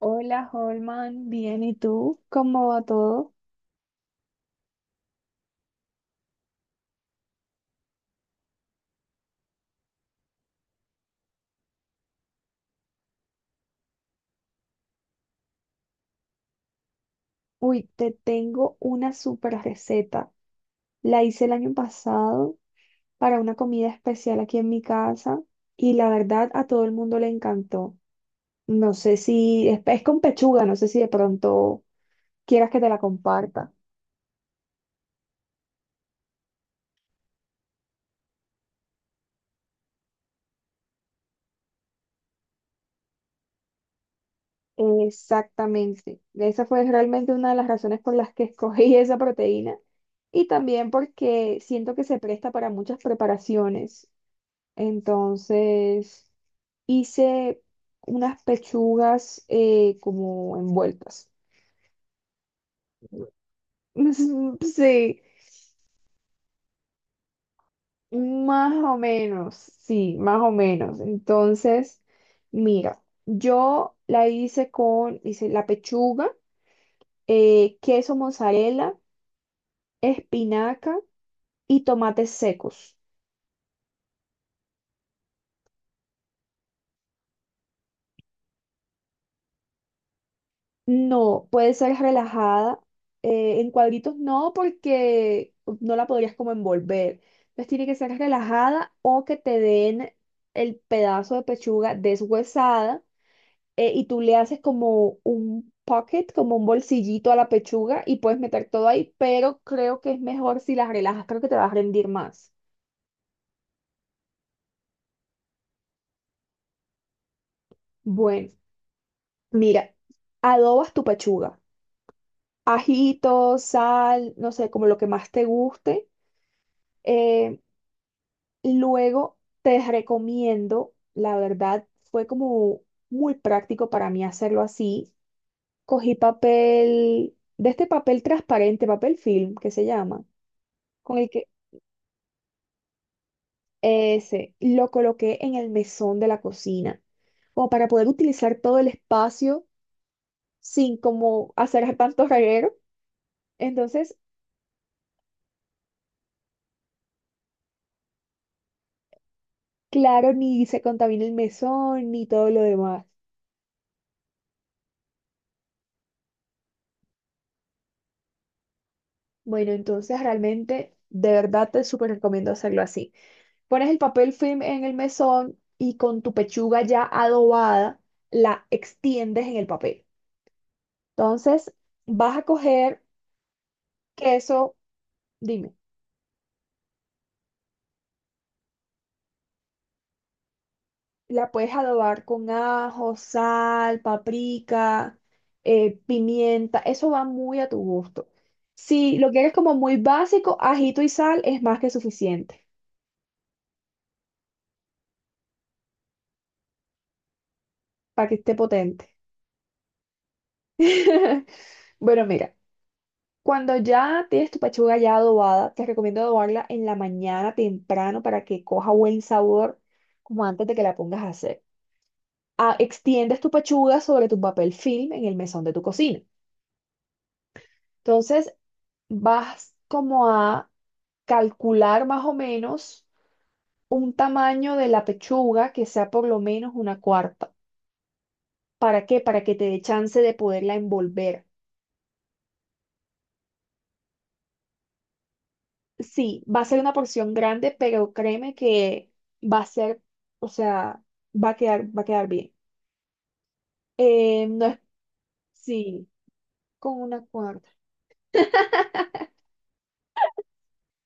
Hola, Holman, bien, ¿y tú? ¿Cómo va todo? Uy, te tengo una super receta. La hice el año pasado para una comida especial aquí en mi casa y la verdad a todo el mundo le encantó. No sé si es con pechuga, no sé si de pronto quieras que te la comparta. Exactamente. Esa fue realmente una de las razones por las que escogí esa proteína y también porque siento que se presta para muchas preparaciones. Entonces hice unas pechugas como envueltas. Sí, más o menos, sí, más o menos. Entonces, mira, yo la hice hice la pechuga, queso mozzarella, espinaca y tomates secos. No, puede ser relajada. En cuadritos no, porque no la podrías como envolver. Entonces tiene que ser relajada o que te den el pedazo de pechuga deshuesada, y tú le haces como un pocket, como un bolsillito a la pechuga y puedes meter todo ahí, pero creo que es mejor si la relajas, creo que te va a rendir más. Bueno, mira, adobas tu pechuga. Ajito, sal, no sé, como lo que más te guste. Eh, Luego te recomiendo, la verdad, fue como muy práctico para mí hacerlo así. Cogí papel, de este papel transparente, papel film, que se llama, con el que ese lo coloqué en el mesón de la cocina, como para poder utilizar todo el espacio sin como hacer tanto reguero. Entonces, claro, ni se contamina el mesón ni todo lo demás. Bueno, entonces realmente, de verdad te súper recomiendo hacerlo así. Pones el papel film en el mesón y con tu pechuga ya adobada la extiendes en el papel. Entonces, vas a coger queso, dime, la puedes adobar con ajo, sal, paprika, pimienta, eso va muy a tu gusto. Si lo quieres como muy básico, ajito y sal es más que suficiente para que esté potente. Bueno, mira. Cuando ya tienes tu pechuga ya adobada, te recomiendo adobarla en la mañana temprano para que coja buen sabor, como antes de que la pongas a hacer. Ah, extiendes tu pechuga sobre tu papel film en el mesón de tu cocina. Entonces, vas como a calcular más o menos un tamaño de la pechuga que sea por lo menos una cuarta. ¿Para qué? Para que te dé chance de poderla envolver. Sí, va a ser una porción grande, pero créeme que va a ser, o sea, va a quedar bien. No es, sí, con una cuarta.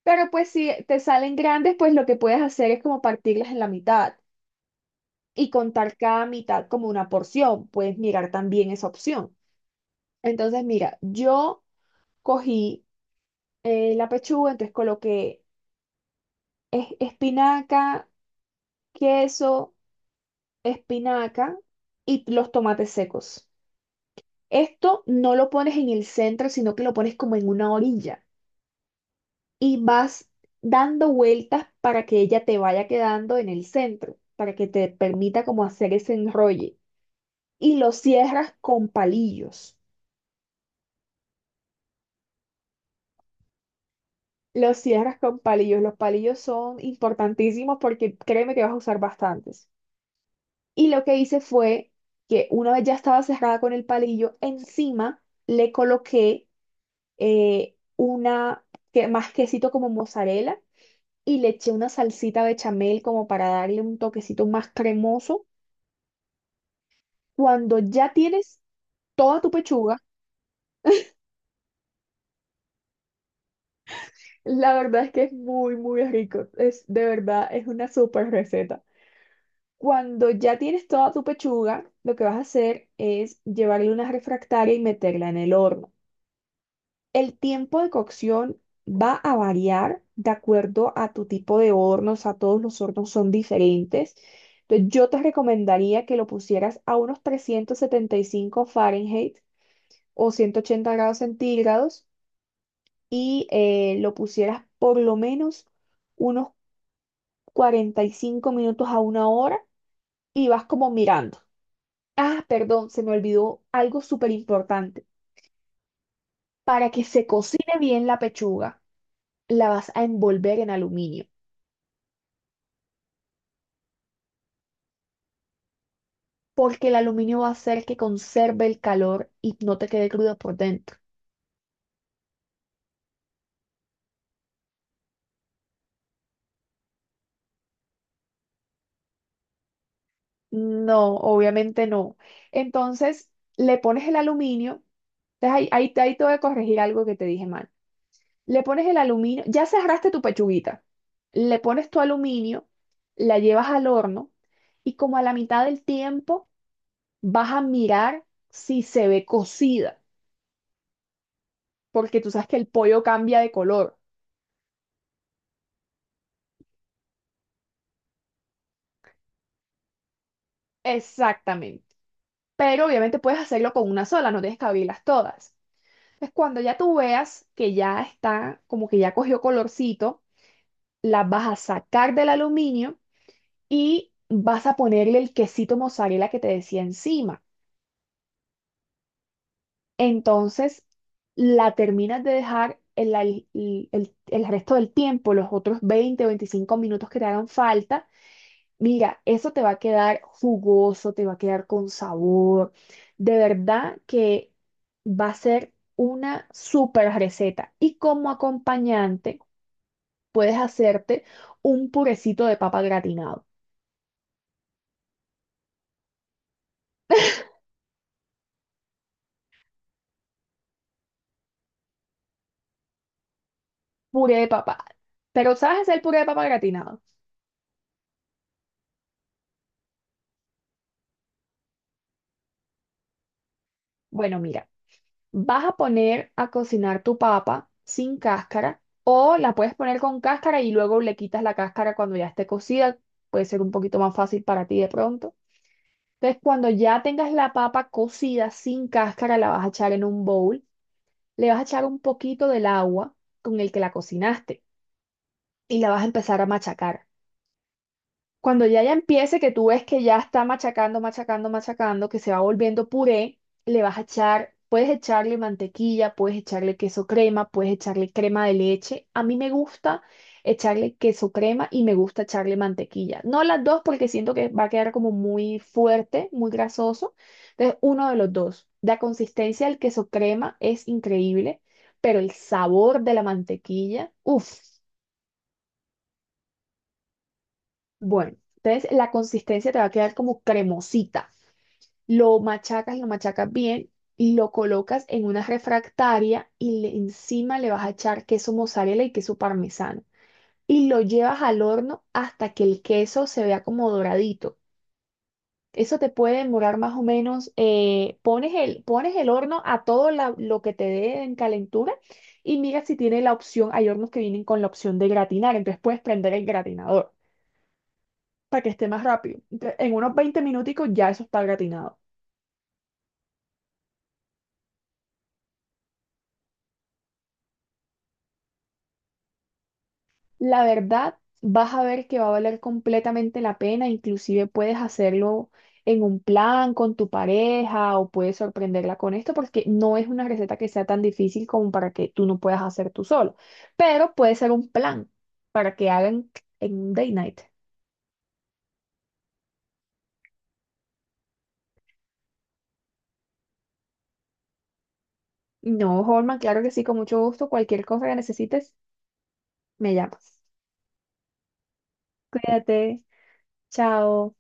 Pero pues si te salen grandes, pues lo que puedes hacer es como partirlas en la mitad y contar cada mitad como una porción. Puedes mirar también esa opción. Entonces, mira, yo cogí la pechuga, entonces coloqué espinaca, queso, espinaca y los tomates secos. Esto no lo pones en el centro, sino que lo pones como en una orilla y vas dando vueltas para que ella te vaya quedando en el centro, para que te permita como hacer ese enrolle. Y lo cierras con palillos. Lo cierras con palillos. Los palillos son importantísimos porque créeme que vas a usar bastantes. Y lo que hice fue que una vez ya estaba cerrada con el palillo, encima le coloqué eh, una, más quesito como mozzarella y le eché una salsita bechamel como para darle un toquecito más cremoso. Cuando ya tienes toda tu pechuga, la verdad es que es muy, muy rico. Es de verdad, es una súper receta. Cuando ya tienes toda tu pechuga, lo que vas a hacer es llevarle una refractaria y meterla en el horno. El tiempo de cocción va a variar de acuerdo a tu tipo de hornos, a todos los hornos son diferentes. Entonces, yo te recomendaría que lo pusieras a unos 375 Fahrenheit o 180 grados centígrados y lo pusieras por lo menos unos 45 minutos a una hora y vas como mirando. Ah, perdón, se me olvidó algo súper importante. Para que se cocine bien la pechuga, la vas a envolver en aluminio, porque el aluminio va a hacer que conserve el calor y no te quede cruda por dentro. No, obviamente no. Entonces, le pones el aluminio, entonces ahí te voy a corregir algo que te dije mal. Le pones el aluminio, ya cerraste tu pechuguita, le pones tu aluminio, la llevas al horno y como a la mitad del tiempo vas a mirar si se ve cocida, porque tú sabes que el pollo cambia de color. Exactamente. Pero obviamente puedes hacerlo con una sola, no tienes que abrirlas todas. Entonces, cuando ya tú veas que ya está, como que ya cogió colorcito, la vas a sacar del aluminio y vas a ponerle el quesito mozzarella que te decía encima. Entonces, la terminas de dejar el, al- el resto del tiempo, los otros 20 o 25 minutos que te hagan falta. Mira, eso te va a quedar jugoso, te va a quedar con sabor. De verdad que va a ser una super receta. Y como acompañante puedes hacerte un purecito de papa gratinado. Puré de papa. ¿Pero sabes hacer puré de papa gratinado? Bueno, mira, vas a poner a cocinar tu papa sin cáscara o la puedes poner con cáscara y luego le quitas la cáscara cuando ya esté cocida. Puede ser un poquito más fácil para ti de pronto. Entonces, cuando ya tengas la papa cocida sin cáscara, la vas a echar en un bowl. Le vas a echar un poquito del agua con el que la cocinaste y la vas a empezar a machacar. Cuando ya empiece, que tú ves que ya está machacando, machacando, machacando, que se va volviendo puré, le vas a echar, puedes echarle mantequilla, puedes echarle queso crema, puedes echarle crema de leche. A mí me gusta echarle queso crema y me gusta echarle mantequilla. No las dos porque siento que va a quedar como muy fuerte, muy grasoso. Entonces, uno de los dos. La consistencia del queso crema es increíble, pero el sabor de la mantequilla, uff, bueno. Entonces, la consistencia te va a quedar como cremosita. Lo machacas, lo machacas bien, y lo colocas en una refractaria y encima le vas a echar queso mozzarella y queso parmesano. Y lo llevas al horno hasta que el queso se vea como doradito. Eso te puede demorar más o menos, pones pones el horno a todo lo que te dé en calentura y mira si tiene la opción, hay hornos que vienen con la opción de gratinar, entonces puedes prender el gratinador para que esté más rápido. Entonces, en unos 20 minuticos ya eso está gratinado. La verdad, vas a ver que va a valer completamente la pena, inclusive puedes hacerlo en un plan con tu pareja o puedes sorprenderla con esto porque no es una receta que sea tan difícil como para que tú no puedas hacer tú solo, pero puede ser un plan para que hagan en un day night. No, Holman, claro que sí, con mucho gusto, cualquier cosa que necesites, me llamas. Cuídate, chao.